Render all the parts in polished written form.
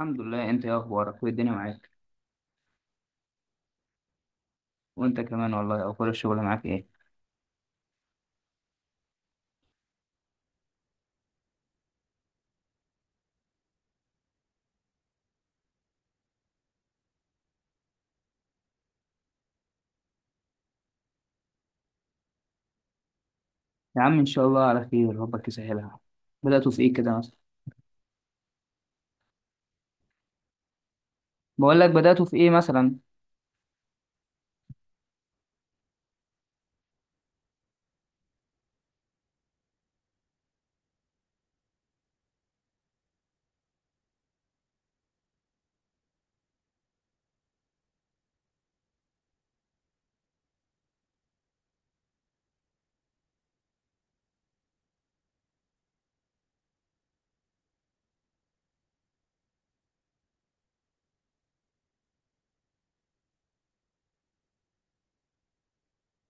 الحمد لله، انت ايه اخبارك وايه الدنيا معاك؟ وانت كمان والله. اخبار الشغل معاك ايه؟ يا عم ان شاء الله على خير، ربك يسهلها. بدأتوا في ايه كده مثلا؟ بقول لك بدأتوا في ايه مثلا؟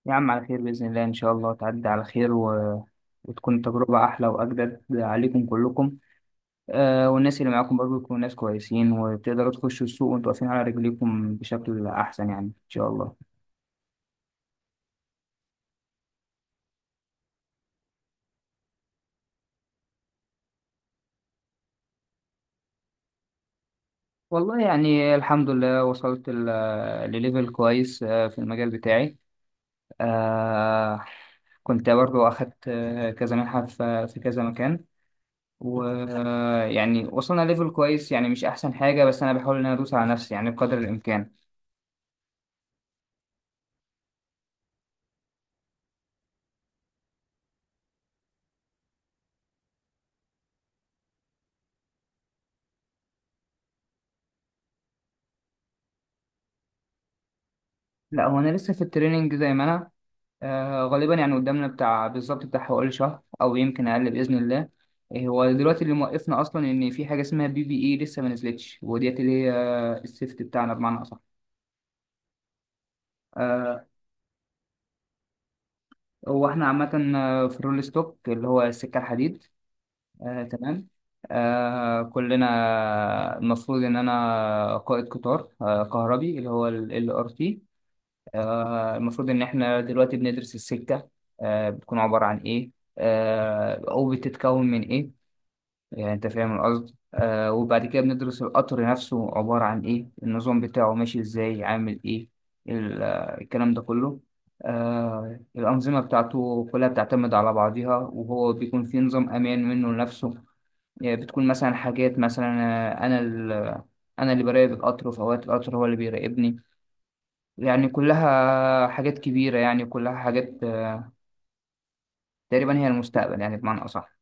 يا عم على خير بإذن الله، ان شاء الله تعدي على خير وتكون تجربة احلى واجدد عليكم كلكم. والناس اللي معاكم برضو يكونوا ناس كويسين وتقدروا تخشوا السوق وانتوا واقفين على رجليكم بشكل احسن يعني ان شاء الله. والله يعني الحمد لله، وصلت لليفل كويس في المجال بتاعي. آه كنت برضو أخدت كذا منحة في كذا مكان. ويعني وصلنا ليفل كويس، يعني مش أحسن حاجة، بس أنا بحاول إن أنا أدوس على نفسي يعني بقدر الإمكان. لا، هو أنا لسه في التريننج زي ما أنا. غالبا يعني قدامنا بتاع بالظبط بتاع حوالي شهر أو يمكن أقل بإذن الله. إيه، هو دلوقتي اللي موقفنا أصلا إن في حاجة اسمها PPE لسه ما نزلتش، وديت اللي هي السيفت بتاعنا بمعنى أصح. آه، هو احنا عامة في الرول ستوك اللي هو السكة الحديد، تمام. كلنا المفروض ان انا قائد قطار كهربي اللي هو RT. المفروض ان احنا دلوقتي بندرس السكه، بتكون عباره عن ايه، او بتتكون من ايه. يعني انت فاهم القصد. وبعد كده بندرس القطر نفسه عباره عن ايه، النظام بتاعه ماشي ازاي، عامل ايه. الكلام ده كله. الأنظمة بتاعته كلها بتعتمد على بعضها، وهو بيكون في نظام أمان منه لنفسه. يعني بتكون مثلا حاجات مثلا آه، أنا ال- أنا اللي براقب القطر، وفي أوقات القطر هو اللي بيراقبني. يعني كلها حاجات كبيرة، يعني كلها حاجات تقريبا هي المستقبل يعني بمعنى أصح.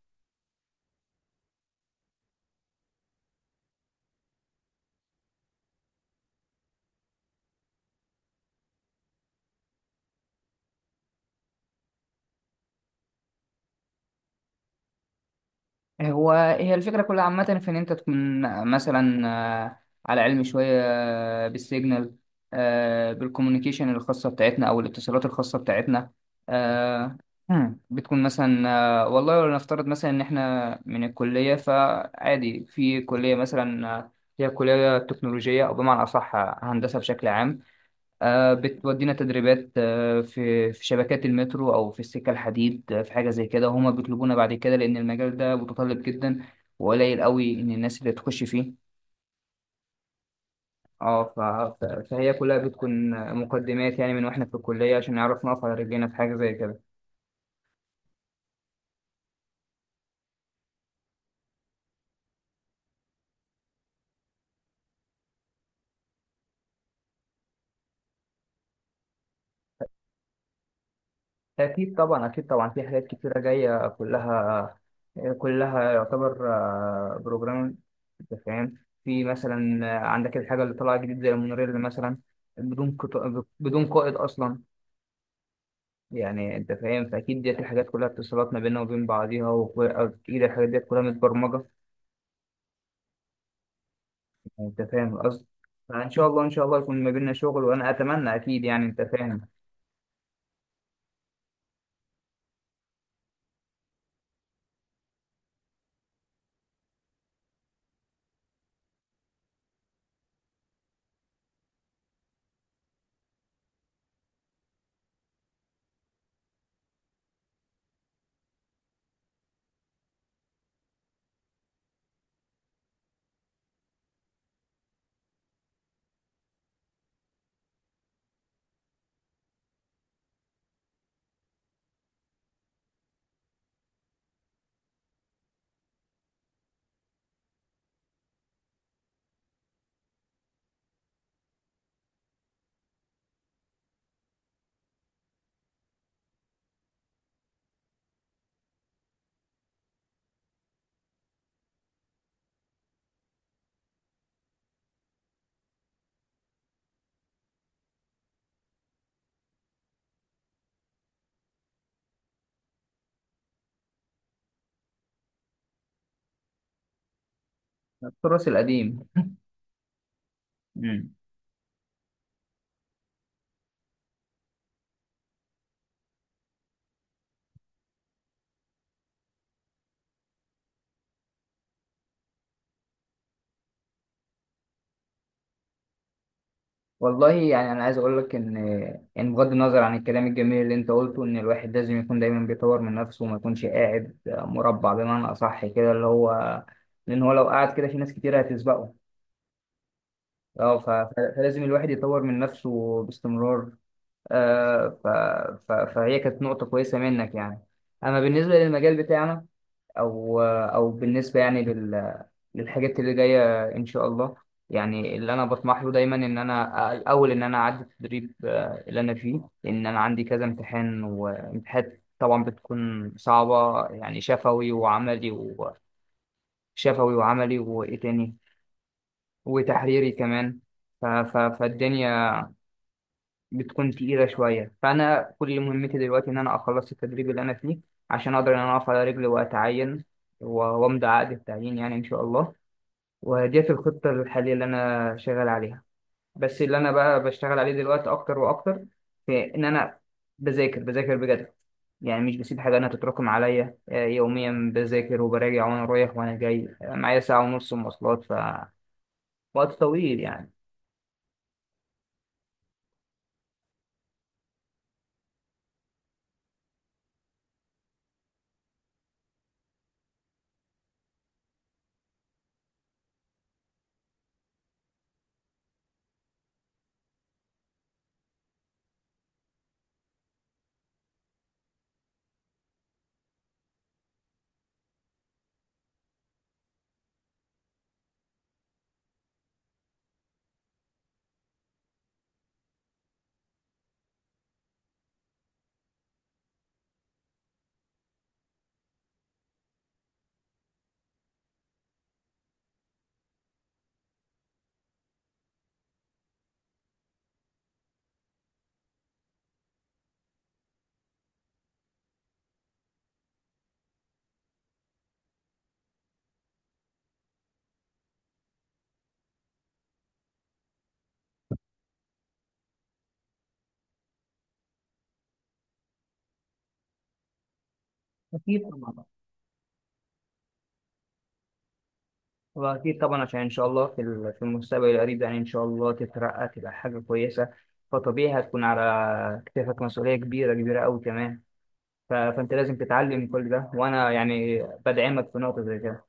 هو هي الفكرة كلها عامة في إن أنت تكون مثلا آه، على علم شوية بالسيجنال، بالكوميونيكيشن الخاصة بتاعتنا أو الاتصالات الخاصة بتاعتنا. آه، بتكون مثلا والله لو نفترض مثلا إن إحنا من الكلية، فعادي في كلية مثلا هي كلية تكنولوجية أو بمعنى أصح هندسة بشكل عام. بتودينا تدريبات في شبكات المترو او في السكه الحديد، في حاجه زي كده هما بيطلبونا بعد كده، لان المجال ده متطلب جدا وقليل قوي ان الناس اللي تخش فيه. اه ف- فهي كلها بتكون مقدمات يعني من واحنا في الكليه عشان نعرف نقف على رجلينا في حاجه زي كده. اكيد طبعا، اكيد طبعا، في حاجات كتيره جايه كلها، كلها يعتبر بروجرام. انت فاهم؟ في مثلا عندك الحاجه اللي طالعه جديد زي المونوريل مثلا. بدون قط... بدون قائد اصلا. يعني انت فاهم، فاكيد ديت الحاجات كلها اتصالات ما بيننا وبين بعضيها، واكيد الحاجات ديت كلها متبرمجه. انت فاهم القصد؟ فان شاء الله، ان شاء الله يكون ما بيننا شغل، وانا اتمنى اكيد يعني انت فاهم. التراث القديم. مم. والله يعني انا عايز اقول لك ان بغض النظر عن الكلام الجميل اللي انت قلته، ان الواحد لازم يكون دايما بيطور من نفسه وما يكونش قاعد مربع بمعنى اصح كده اللي هو، لان هو لو قعد كده في ناس كتير هتسبقه. فلازم الواحد يطور من نفسه باستمرار. آه، ف... فهي كانت نقطة كويسة منك يعني. أما بالنسبة للمجال بتاعنا، أو بالنسبة للحاجات اللي جاية إن شاء الله، يعني اللي أنا بطمح له دايما إن أنا الأول إن أنا أعدي التدريب اللي أنا فيه، لأن أنا عندي كذا امتحان. وامتحانات طبعا بتكون صعبة، يعني شفوي وعملي، وشفوي وعملي وإيه تاني؟ وتحريري كمان. فالدنيا بتكون تقيلة شوية، فأنا كل مهمتي دلوقتي إن أنا أخلص التدريب اللي أنا فيه، عشان أقدر إن أنا أقف على رجلي وأتعين، وأمضي عقد التعيين يعني إن شاء الله. وديت الخطة الحالية اللي أنا شغال عليها. بس اللي أنا بقى بشتغل عليه دلوقتي أكتر وأكتر، في إن أنا بذاكر بذاكر بجد. يعني مش بسيب حاجة أنا تتراكم عليا، يوميا بذاكر وبراجع، وأنا رايح وأنا جاي معايا ساعة ونص مواصلات، فوقت طويل يعني. أكيد طبعا، وأكيد طبعا عشان إن شاء الله في المستقبل القريب يعني إن شاء الله تترقى تبقى حاجة كويسة، فطبيعي هتكون على كتافك مسؤولية كبيرة كبيرة أوي كمان. فأنت لازم تتعلم كل ده، وأنا يعني بدعمك في نقطة زي كده.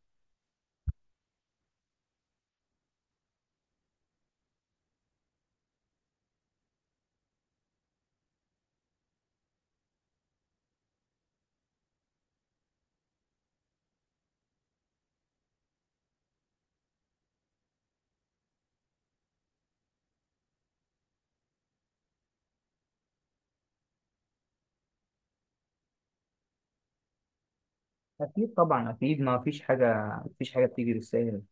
أكيد طبعا، أكيد ما فيش حاجة، ما فيش حاجة بتيجي بالسهل.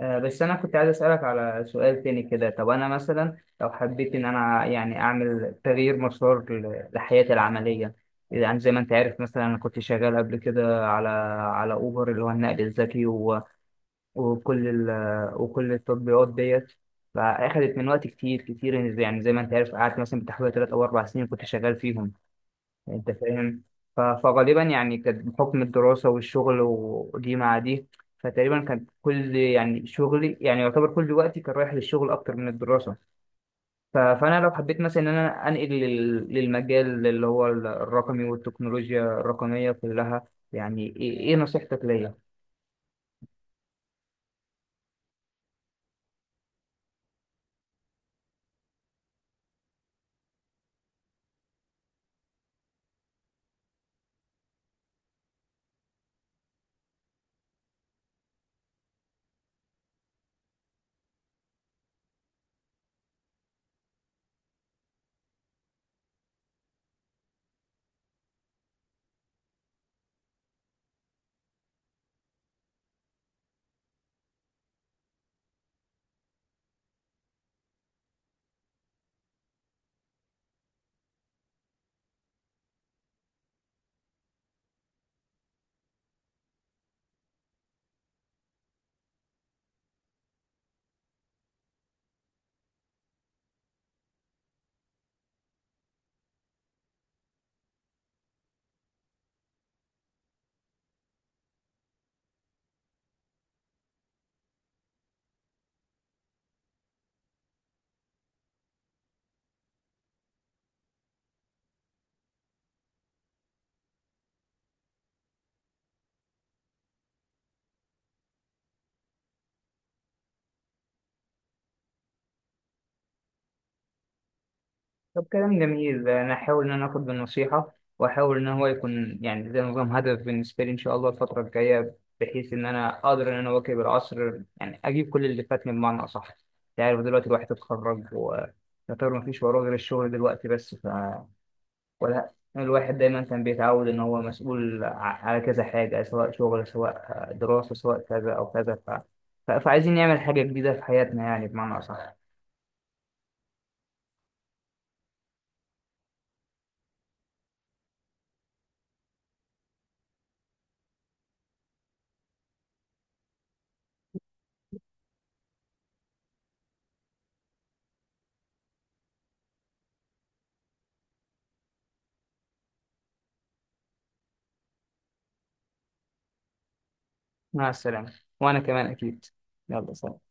بس أنا كنت عايز أسألك على سؤال تاني كده. طب أنا مثلا لو حبيت إن أنا يعني أعمل تغيير مسار لحياتي العملية، يعني زي ما أنت عارف مثلا أنا كنت شغال قبل كده على أوبر اللي هو النقل الذكي وكل ال... وكل التطبيقات ديت. فأخدت من وقت كتير كتير، يعني زي ما أنت عارف قعدت مثلا بتحوالي تلات أو أربع سنين كنت شغال فيهم. انت فاهم؟ فغالبا يعني كانت بحكم الدراسة والشغل ودي مع دي، فتقريبا كان كل يعني شغلي يعني يعتبر كل وقتي كان رايح للشغل أكتر من الدراسة. فأنا لو حبيت مثلا إن أنا أنقل للمجال اللي هو الرقمي والتكنولوجيا الرقمية كلها، يعني إيه نصيحتك ليا؟ طب كلام جميل، انا هحاول ان انا اخد بالنصيحه، واحاول ان هو يكون يعني زي نظام هدف بالنسبه لي ان شاء الله الفتره الجايه، بحيث ان انا اقدر ان انا اواكب العصر يعني اجيب كل اللي فاتني بمعنى اصح. انت عارف دلوقتي الواحد اتخرج ويعتبر مفيش وراه غير الشغل دلوقتي بس. ولا الواحد دايما كان بيتعود ان هو مسؤول على كذا حاجه سواء شغل سواء دراسه سواء كذا او كذا، فعايزين نعمل حاجه جديده في حياتنا يعني بمعنى اصح. مع السلامه، وانا كمان اكيد. يلا سلام.